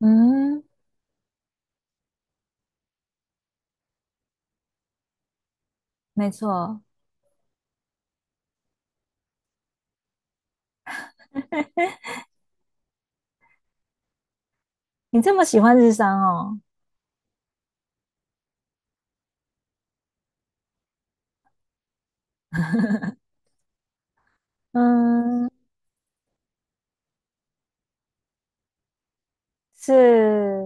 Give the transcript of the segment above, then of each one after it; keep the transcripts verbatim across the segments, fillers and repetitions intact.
嗯，没错。你这么喜欢日商哦。嗯，是。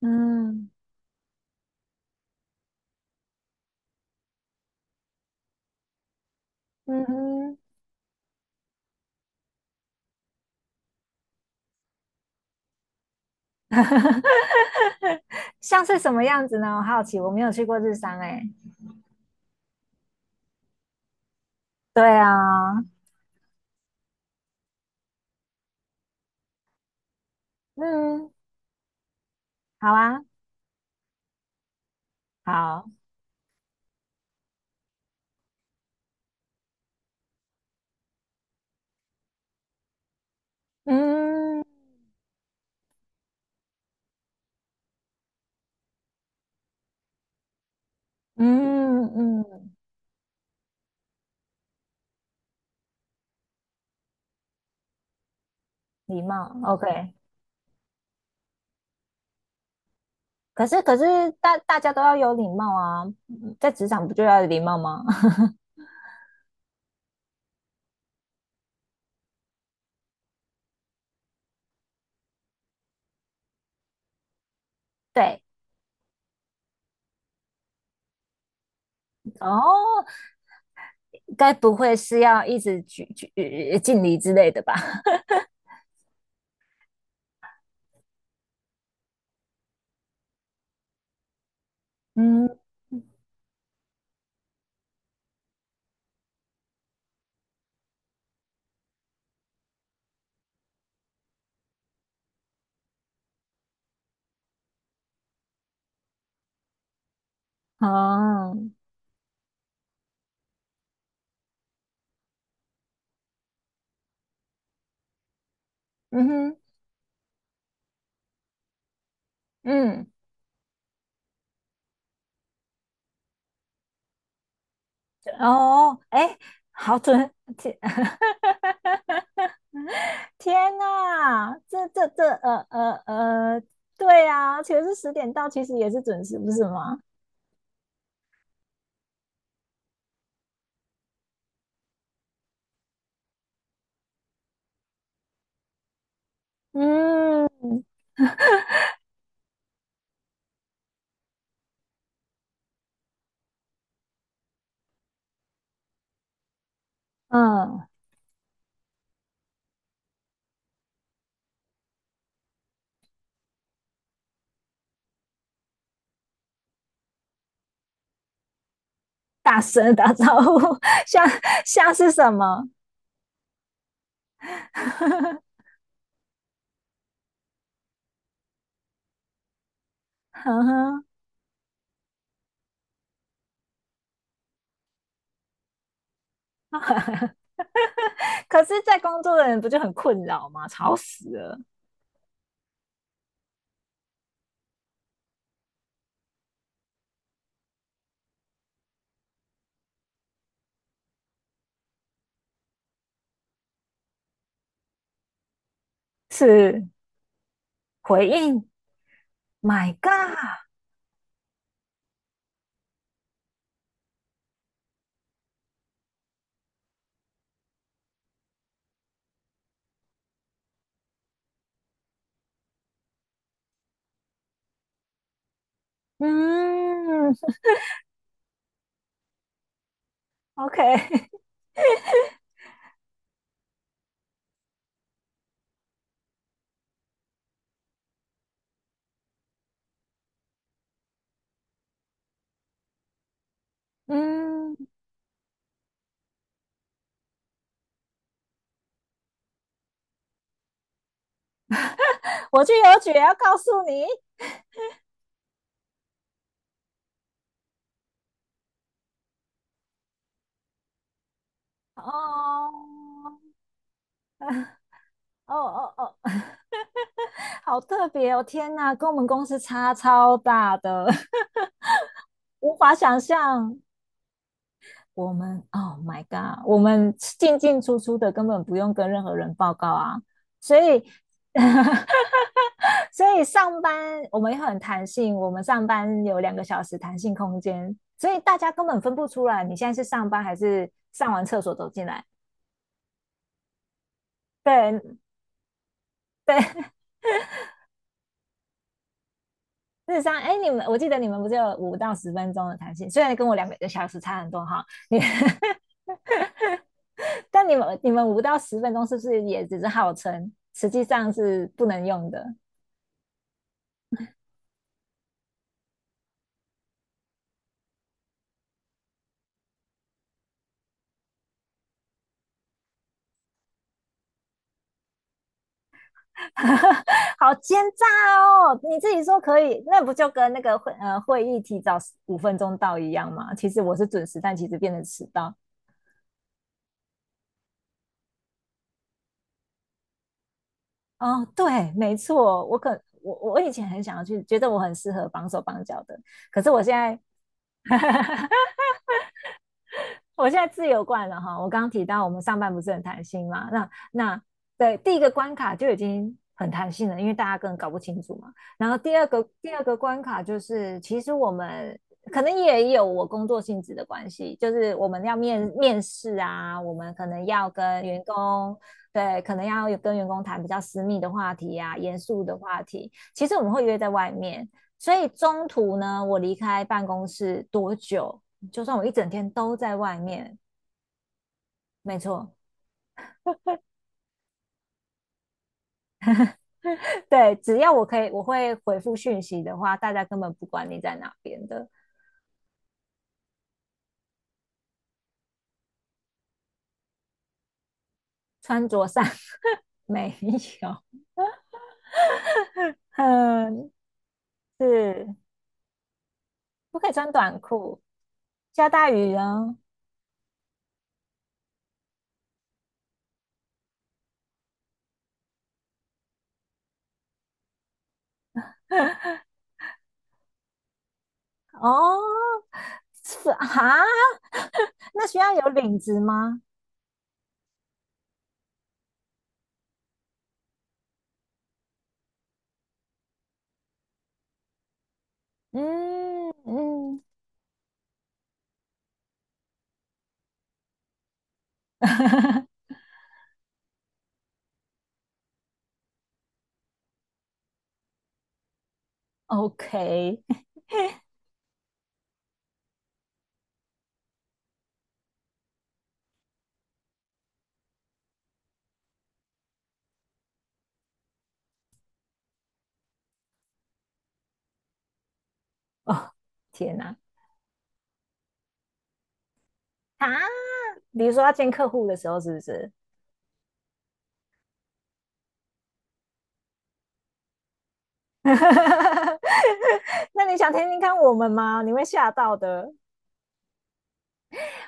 嗯嗯哼。像是什么样子呢？我好奇，我没有去过日商哎。对啊。嗯。好啊。好。嗯嗯嗯。礼貌，OK。可是可是大大家都要有礼貌啊，嗯在职场不就要有礼貌吗？对。哦，该不会是要一直举举呃敬礼之类的吧？嗯。哦。嗯哼。嗯。哦，哎，好准。天，天呐，这这这，呃呃呃，对啊，其实是十点到，其实也是准时，不是吗？嗯嗯。大声打招呼。像像是什么？呵呵 可是，在工作的人不就很困扰吗？吵死了。是，回应。My God。嗯，OK。嗯，我去邮局要告诉你哦。哦哦哦，好特别哦，天哪，跟我们公司差超大的。无法想象。我们，Oh my God，我们进进出出的根本不用跟任何人报告啊，所以 所以上班我们也很弹性，我们上班有两个小时弹性空间，所以大家根本分不出来你现在是上班还是上完厕所走进来。对对。日实上，哎，你们我记得你们不是有五到十分钟的弹性，虽然跟我两个小时差很多哈，你 但你们你们五到十分钟是不是也只是号称，实际上是不能用的？好奸诈哦！你自己说可以，那不就跟那个会呃会议提早五分钟到一样吗？其实我是准时，但其实变成迟到。哦，对，没错，我可我我以前很想要去，觉得我很适合绑手绑脚的，可是我现在 我现在自由惯了哈。我刚刚提到我们上班不是很弹性嘛，那那对第一个关卡就已经很弹性了，因为大家根本搞不清楚嘛。然后第二个第二个关卡就是，其实我们可能也有我工作性质的关系，就是我们要面面试啊，我们可能要跟员工。对，可能要跟员工谈比较私密的话题啊，严肃的话题。其实我们会约在外面，所以中途呢，我离开办公室多久，就算我一整天都在外面，没错。对，只要我可以，我会回复讯息的话，大家根本不管你在哪边的。穿着上 没有。嗯，是。不可以穿短裤，下大雨啊。哦，是啊 那需要有领子吗？嗯嗯 ，OK。哦，天哪。啊，比如说要见客户的时候，是不是？那你想听听看我们吗？你会吓到的。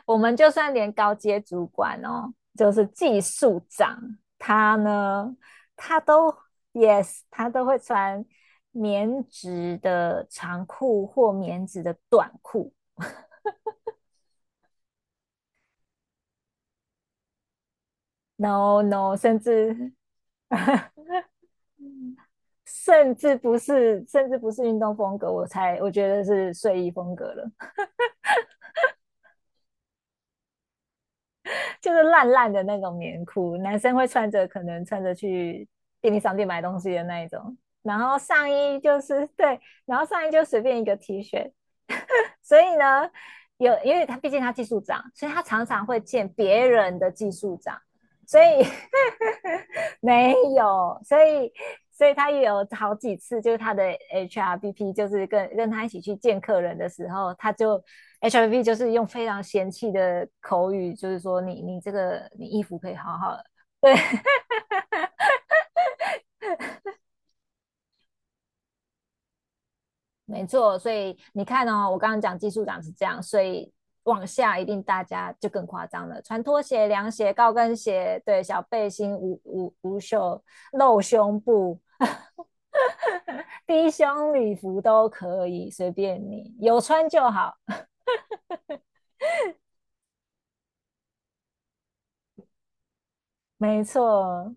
我们就算连高阶主管哦，就是技术长，他呢，他都 yes，他都会穿棉质的长裤或棉质的短裤。No no，甚至甚至不是，甚至不是运动风格，我才我觉得是睡衣风格了。就是烂烂的那种棉裤，男生会穿着可能穿着去便利商店买东西的那一种。然后上衣就是对，然后上衣就随便一个 T 恤。所以呢，有因为他毕竟他技术长，所以他常常会见别人的技术长。所以 没有，所以所以他也有好几次，就是他的 H R B P 就是跟跟他一起去见客人的时候，他就 H R B P 就是用非常嫌弃的口语，就是说你你这个你衣服可以好好。没错，所以你看哦，我刚刚讲技术长是这样，所以往下一定大家就更夸张了，穿拖鞋、凉鞋、高跟鞋，对，小背心、无无无袖、露胸部、低胸礼服都可以，随便你，有穿就好。没错。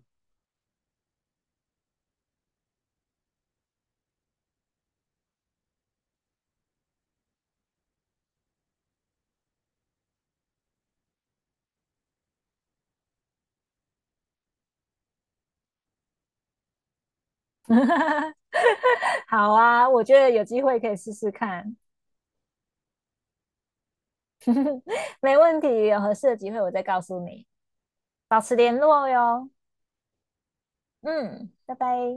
好啊，我觉得有机会可以试试看。没问题，有合适的机会我再告诉你，保持联络哟。嗯，拜拜。